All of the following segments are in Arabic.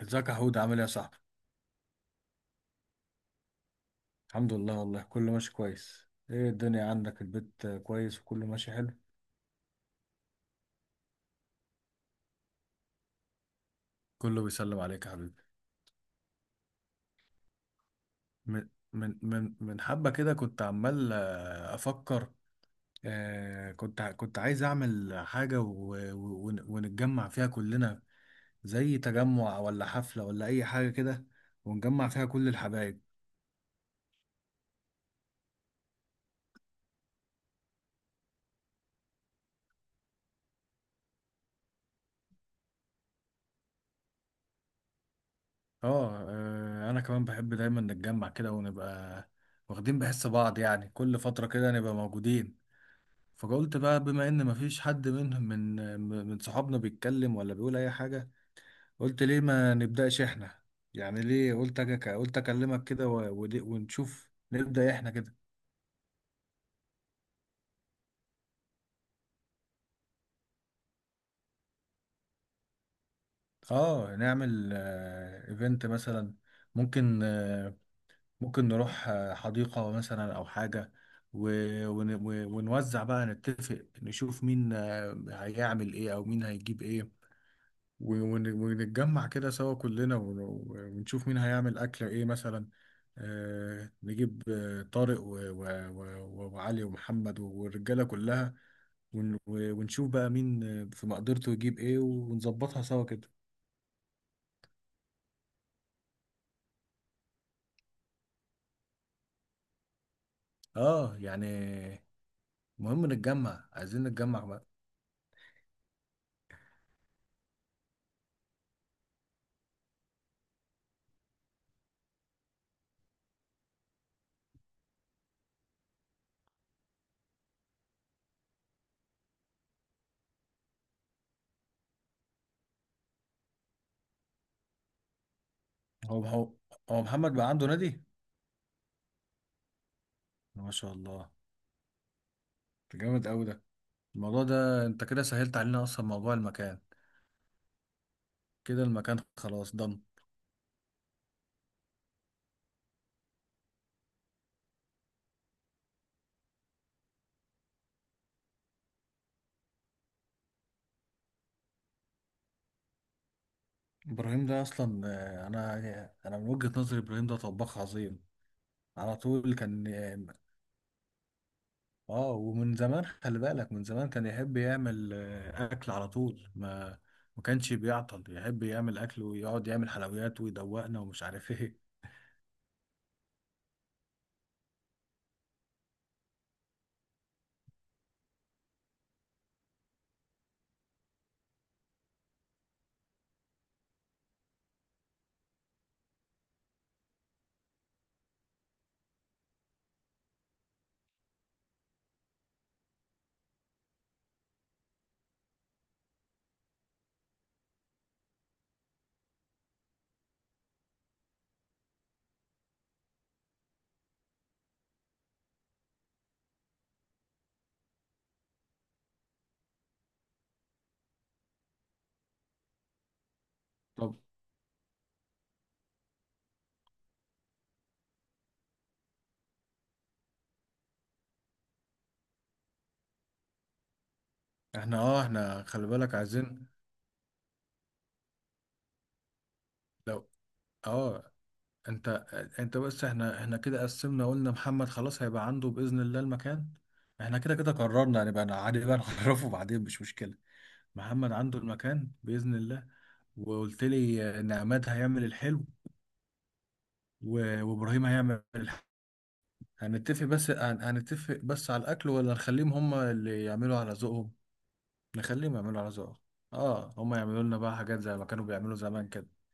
ازيك يا حود، عامل ايه يا صاحبي؟ الحمد لله، والله كله ماشي كويس. ايه الدنيا عندك؟ البيت كويس وكله ماشي حلو؟ كله بيسلم عليك يا حبيبي. من حبة كده كنت عمال افكر. كنت كنت عايز اعمل حاجة ونتجمع فيها كلنا، زي تجمع ولا حفلة ولا اي حاجة كده، ونجمع فيها كل الحبايب. اه، انا كمان بحب دايما نتجمع كده ونبقى واخدين بحس بعض. يعني كل فترة كده نبقى موجودين. فقلت بقى، بما ان مفيش حد منهم من صحابنا بيتكلم ولا بيقول اي حاجه. قلت ليه ما نبداش احنا؟ يعني ليه، قلت قلت اكلمك كده، ونشوف نبدا احنا كده. اه، نعمل ايفنت مثلا. ممكن آه، ممكن نروح حديقه مثلا او حاجه. ونوزع بقى، نتفق نشوف مين هيعمل ايه او مين هيجيب ايه. ونتجمع كده سوا كلنا، ونشوف مين هيعمل أكل إيه مثلا. نجيب طارق وعلي ومحمد والرجالة كلها. ونشوف بقى مين في مقدرته يجيب إيه، ونظبطها سوا كده. آه يعني، مهم نتجمع، عايزين نتجمع بقى. هو هو هو محمد بقى عنده نادي؟ ما شاء الله! ده جامد أوي ده. الموضوع ده أنت كده سهلت علينا أصلا موضوع المكان. كده المكان خلاص ضن. ابراهيم ده اصلا، آه، انا انا من وجهة نظري ابراهيم ده طباخ عظيم، على طول كان. اه، ومن زمان، خلي بالك، من زمان كان يحب يعمل اكل على طول. ما كانش بيعطل، يحب يعمل اكل ويقعد يعمل حلويات ويدوقنا ومش عارف ايه. طب احنا خلي بالك عايزين. لو، اه، انت انت بس، احنا كده قسمنا، قلنا محمد خلاص هيبقى عنده باذن الله المكان. احنا كده كده قررنا، هنبقى يعني عادي بقى نعرفه بعدين، مش مشكلة. محمد عنده المكان بإذن الله. وقلت لي إن عماد هيعمل الحلو، وإبراهيم هيعمل الحلو. هنتفق بس هنتفق بس على الأكل، ولا نخليهم هما اللي يعملوا على ذوقهم؟ نخليهم يعملوا على ذوقهم. آه، هما يعملوا لنا بقى حاجات زي ما كانوا بيعملوا زمان كده.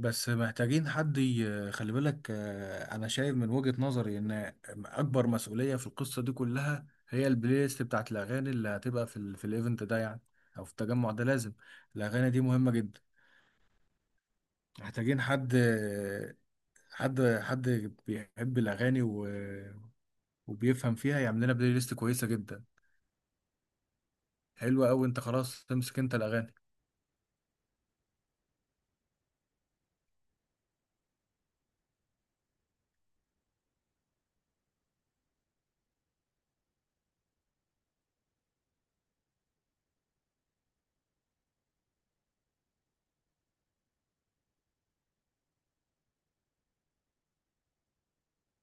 بس محتاجين حد خلي بالك، أنا شايف من وجهة نظري إن أكبر مسؤولية في القصة دي كلها هي البلاي ليست بتاعت الأغاني اللي هتبقى في ال في الإيفنت ده يعني، أو في التجمع ده. لازم الأغاني دي مهمة جدا. محتاجين حد بيحب الأغاني وبيفهم فيها، يعمل لنا بلاي ليست كويسة جدا. حلوة أوي، أنت خلاص تمسك أنت الأغاني.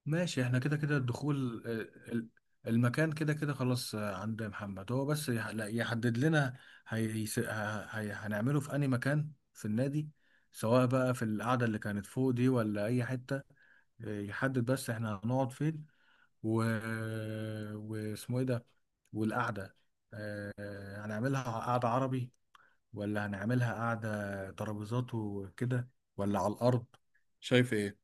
ماشي، احنا كده كده الدخول. ال- ال- المكان كده كده خلاص عند محمد، هو بس لا، يحدد لنا. هنعمله في أي مكان في النادي، سواء بقى في القعدة اللي كانت فوق دي ولا أي حتة. يحدد بس احنا هنقعد فين، و... واسمه ايه ده، والقعده. آه، هنعملها قعده عربي، ولا هنعملها قعده ترابيزات وكده، ولا على الارض؟ شايف ايه؟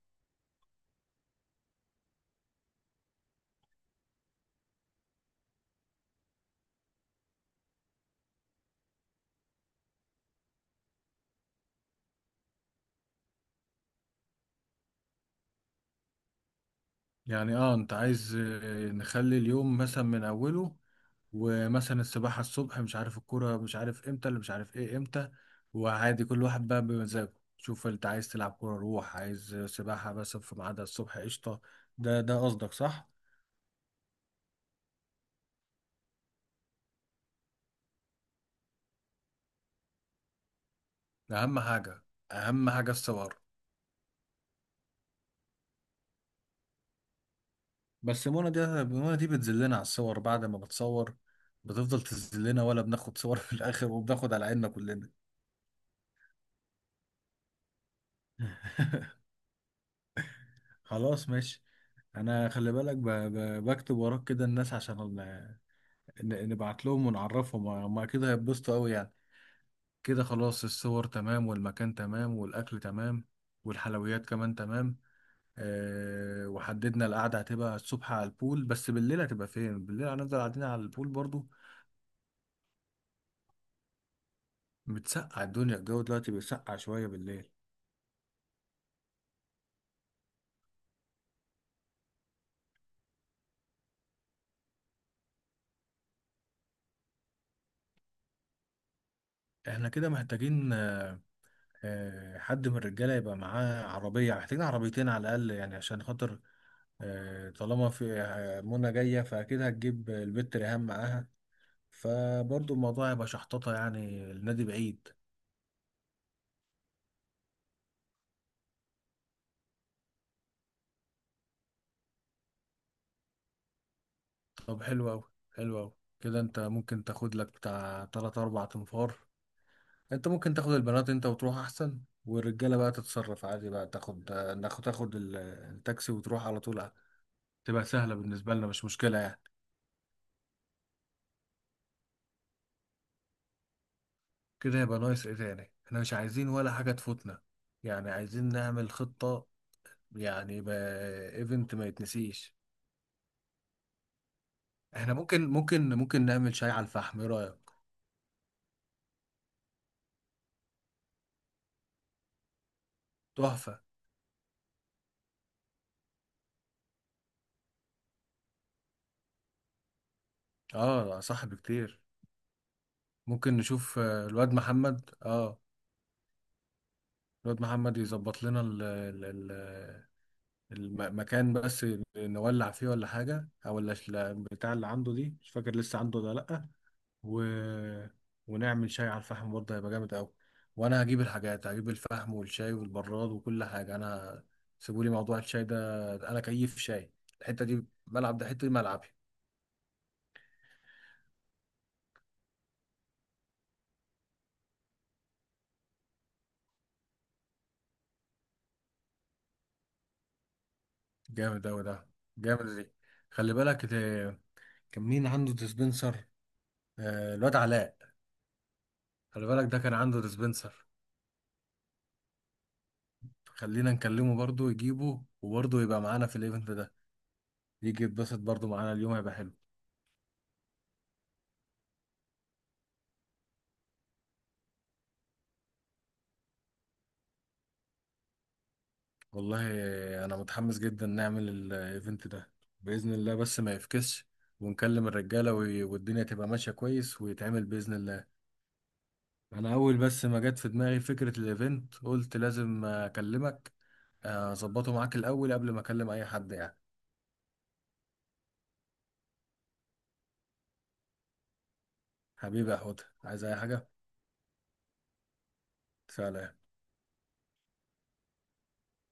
يعني اه، انت عايز نخلي اليوم مثلا من اوله، ومثلا السباحه الصبح، مش عارف الكوره مش عارف امتى، اللي مش عارف ايه امتى، وعادي كل واحد بقى بمزاجه. شوف، انت عايز تلعب كوره روح، عايز سباحه بس في ميعادها الصبح قشطه. ده قصدك، صح؟ اهم حاجه، اهم حاجه الصور. بس منى دي بتذلنا على الصور بعد ما بتصور. بتفضل تذلنا، ولا بناخد صور في الاخر وبناخد على عيننا كلنا؟ خلاص ماشي. انا خلي بالك بكتب وراك كده الناس عشان نبعت لهم ونعرفهم، هم اكيد هيتبسطوا قوي يعني. كده خلاص الصور تمام والمكان تمام والاكل تمام، والحلويات كمان تمام. أه، وحددنا القعدة هتبقى الصبح على البول، بس بالليل هتبقى فين؟ بالليل هنفضل قاعدين على البول برضو؟ بتسقع الدنيا، الجو دلوقتي بيسقع شوية بالليل. احنا كده محتاجين حد من الرجالة يبقى معاه عربية، محتاجين عربيتين على الأقل يعني، عشان خاطر طالما في منى جاية فأكيد هتجيب البت ريهام معاها، فبرضه الموضوع هيبقى شحططة يعني، النادي بعيد. طب حلو أوي، حلو أوي. كده أنت ممكن تاخد لك بتاع تلات أربع تنفار، أنت ممكن تاخد البنات أنت وتروح أحسن. والرجالة بقى تتصرف عادي، بقى تاخد التاكسي وتروح على طول. تبقى سهلة بالنسبة لنا، مش مشكلة يعني. كده يبقى ناقص ايه تاني؟ احنا مش عايزين ولا حاجة تفوتنا، يعني عايزين نعمل خطة. يعني يبقى ايفنت ما يتنسيش. احنا ممكن نعمل شاي على الفحم، ايه رأيك؟ تحفة. اه صح بكتير. ممكن نشوف الواد محمد. اه، الواد محمد يظبط لنا ال ال ال المكان بس، نولع فيه ولا حاجة، او بتاع اللي عنده دي، مش فاكر لسه عنده ولا لأ. و... ونعمل شاي على الفحم برضه، هيبقى جامد قوي. وانا هجيب الحاجات، هجيب الفحم والشاي والبراد وكل حاجه انا. سيبولي موضوع الشاي ده، انا كيف شاي. الحته دي ملعب، ده حته دي ملعبي. جامد قوي ده، جامد دي. خلي بالك ده، كان مين عنده ديسبنسر؟ آه، الواد علاء. خلي بالك ده كان عنده ديسبنسر. خلينا نكلمه برضه يجيبه، وبرضه يبقى معانا في الايفنت ده، يجي يتبسط برضه معانا، اليوم هيبقى حلو. والله انا متحمس جدا نعمل الايفنت ده باذن الله، بس ما يفكسش، ونكلم الرجاله، والدنيا تبقى ماشيه كويس ويتعمل باذن الله. انا اول بس ما جت في دماغي فكره الايفنت قلت لازم اكلمك، اظبطه معاك الاول قبل ما اكلم اي حد يعني. حبيبي يا حوت، عايز اي حاجه؟ سلام.